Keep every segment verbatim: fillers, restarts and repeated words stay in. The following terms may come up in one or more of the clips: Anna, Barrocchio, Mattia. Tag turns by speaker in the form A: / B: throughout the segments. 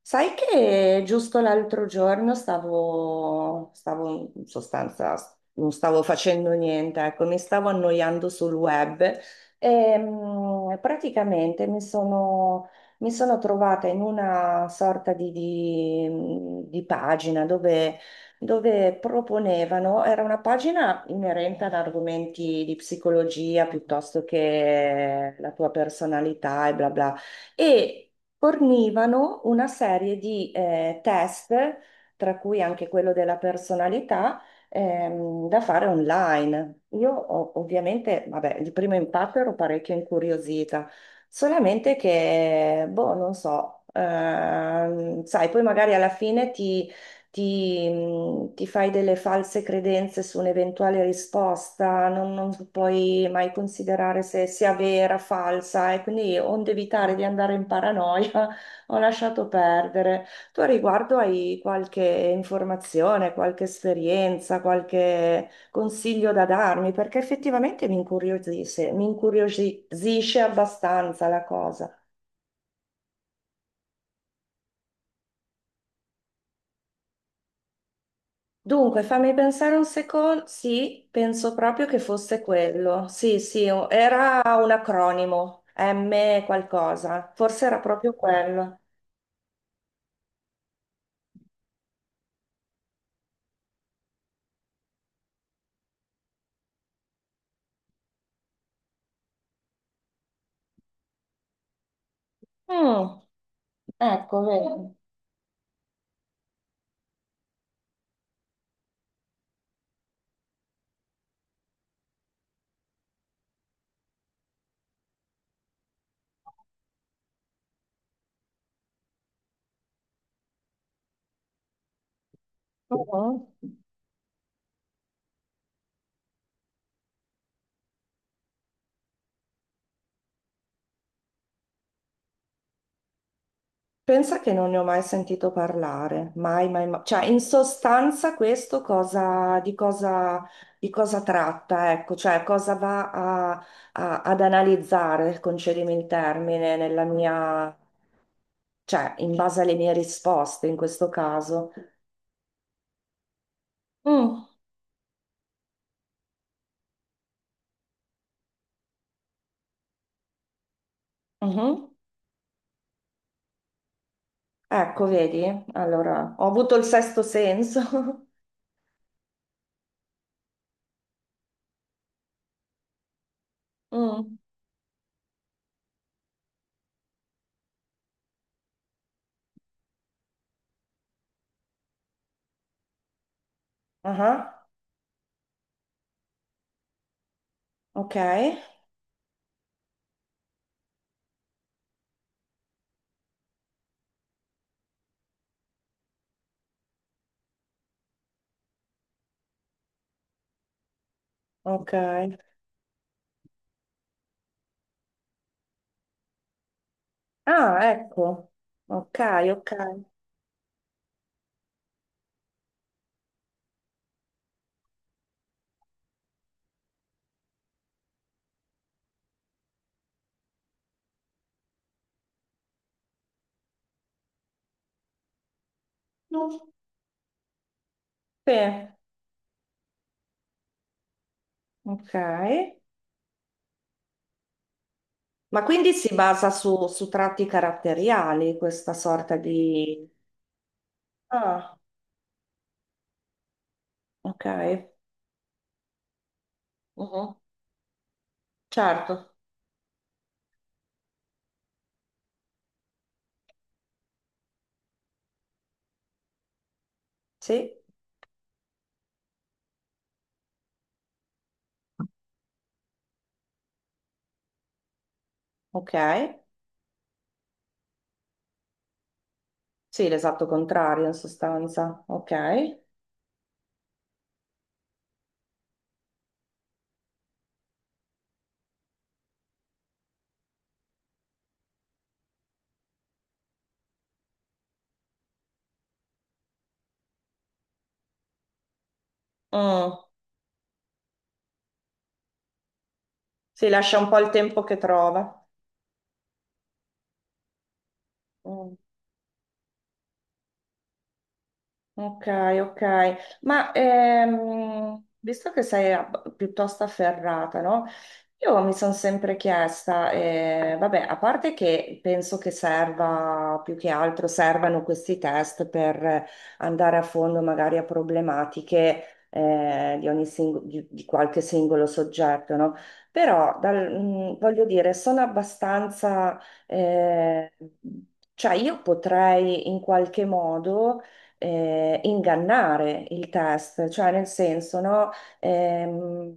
A: Sai che giusto l'altro giorno stavo, stavo in sostanza, non stavo facendo niente, ecco, mi stavo annoiando sul web e mm, praticamente mi sono, mi sono trovata in una sorta di, di- mm, di pagina dove, dove proponevano, era una pagina inerente ad argomenti di psicologia piuttosto che la tua personalità e bla bla. E fornivano una serie di eh, test, tra cui anche quello della personalità, ehm, da fare online. Io ho- ovviamente, vabbè, di primo impatto ero parecchio incuriosita, solamente che, boh, non so, ehm, sai, poi magari alla fine ti, mh, ti fai delle false credenze su un'eventuale risposta, non, non puoi mai considerare se sia vera, falsa, e quindi onde evitare di andare in paranoia, ho lasciato perdere. Tu a riguardo hai qualche informazione, qualche esperienza, qualche consiglio da darmi? Perché effettivamente mi incuriosisce, mi incuriosisce abbastanza la cosa. Dunque, fammi pensare un secondo. Sì, penso proprio che fosse quello. Sì, sì, o- era un acronimo, M qualcosa. Forse era proprio quello. Mm, ecco, vedi. Mhm. Pensa che non ne ho mai sentito parlare, mai, mai, mai. Cioè, in sostanza questo cosa, di cosa, di cosa tratta, ecco, cioè cosa va a- a- ad analizzare, concedimi il termine, nella mia cioè in base alle mie risposte in questo caso. Mm, mhm. Ecco, vedi? Allora, ho avuto il sesto senso. Mm, aha, ok, ok. Ah, ecco. Ok, ok. Mm, sì, ok. Ma quindi si basa su, su tratti caratteriali questa sorta di... Ah, ok. Mhm. Certo, sì, ok. Sì, l'esatto contrario in sostanza, ok. Mm, si lascia un po' il tempo che trova. Mm. Ok, ok, ma ehm, visto che sei ab- piuttosto afferrata, no? Io mi sono sempre chiesta, eh, vabbè, a parte che penso che serva più che altro, servano questi test per andare a fondo magari a problematiche eh, di ogni singo- di, di qualche singolo soggetto, no? Però dal- mh, voglio dire, sono abbastanza, eh, cioè io potrei in qualche modo eh, ingannare il test, cioè nel senso, no? Ehm,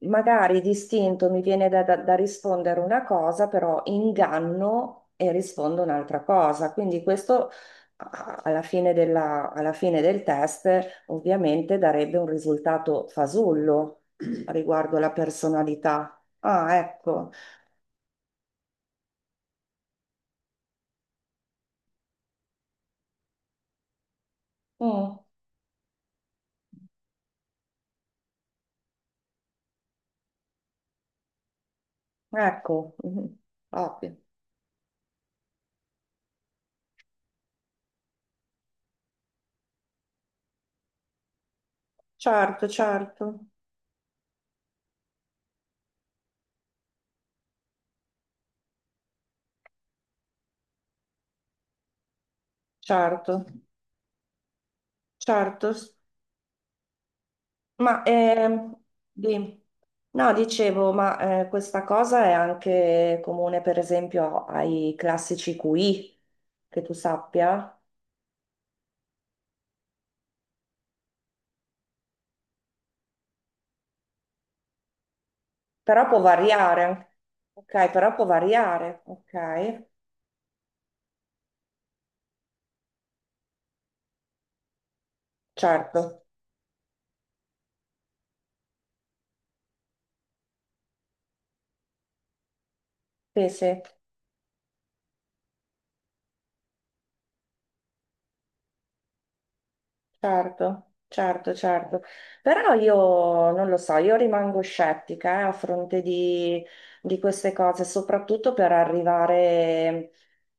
A: magari distinto mi viene da, da- da rispondere una cosa, però inganno e rispondo un'altra cosa. Quindi questo a- alla fine della- alla fine del test ovviamente darebbe un risultato fasullo riguardo la personalità. Ah, ecco. Mm, ecco, mhm. Ovvio. Certo, certo, certo. Certo, s- ma ehm, di- no, dicevo, ma eh, questa cosa è anche comune, per esempio, ai classici Q I, che tu sappia, però può variare. Ok, però può variare, ok? Certo, sì, sì. Certo, certo, certo. Però io non lo so, io rimango scettica, eh, a fronte di, di queste cose, soprattutto per arrivare,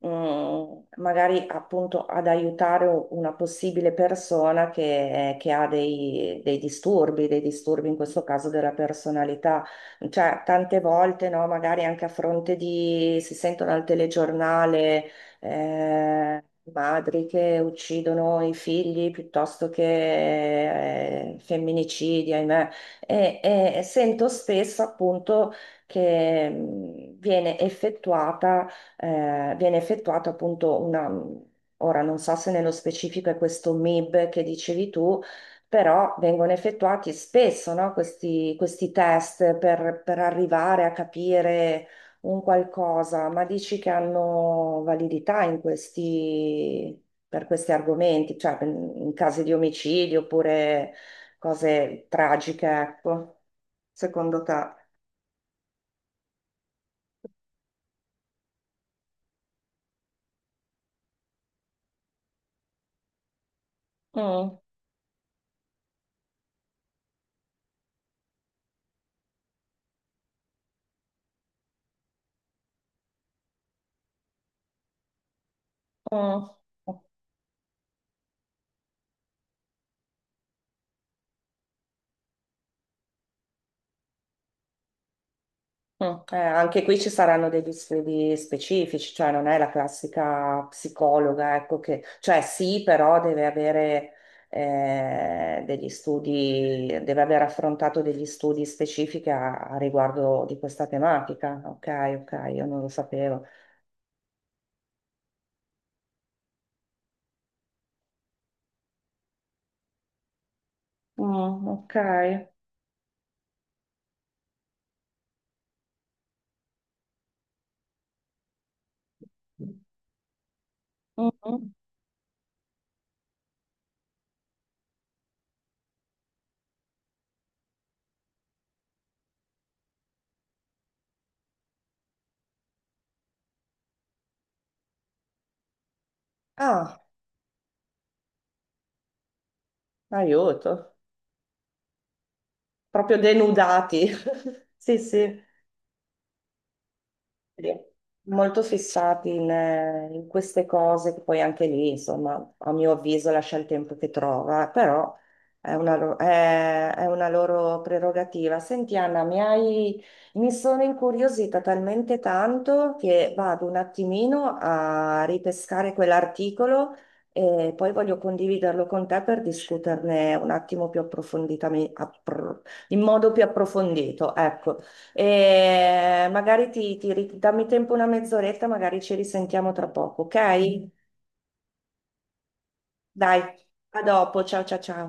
A: mm, magari appunto ad aiutare u- una possibile persona che, che ha dei, dei disturbi, dei disturbi in questo caso della personalità. Cioè, tante volte, no, magari anche a fronte di, si sentono al telegiornale eh, madri che uccidono i figli piuttosto che eh, femminicidi, ahimè. E, e sento spesso appunto che mh, viene effettuata, eh, viene effettuata appunto una... Ora non so se nello specifico è questo M I B che dicevi tu, però vengono effettuati spesso, no, questi, questi test per, per arrivare a capire un qualcosa, ma dici che hanno validità in questi, per questi argomenti, cioè in in casi di omicidi oppure cose tragiche, ecco, secondo te? Mm, mm, mm, eh, anche qui ci saranno degli studi specifici, cioè non è la classica psicologa, ecco che, cioè sì, però deve avere eh, degli studi, deve aver affrontato degli studi specifici a, a riguardo di questa tematica. Ok, ok, io non lo sapevo. Mm, ok. Mm. Ah, aiuto, proprio denudati. Sì, sì. Sì. Molto fissati in, eh, in queste cose, che poi anche lì, insomma, a mio avviso lascia il tempo che trova, però è una, lo- è- è una loro prerogativa. Senti, Anna, mi hai- mi sono incuriosita talmente tanto che vado un attimino a ripescare quell'articolo e poi voglio condividerlo con te per discuterne un attimo più approfonditamente, appro- in modo più approfondito. Ecco. E magari ti, ti ri- dammi tempo una mezz'oretta, magari ci risentiamo tra poco, ok? Dai, a dopo, ciao ciao ciao.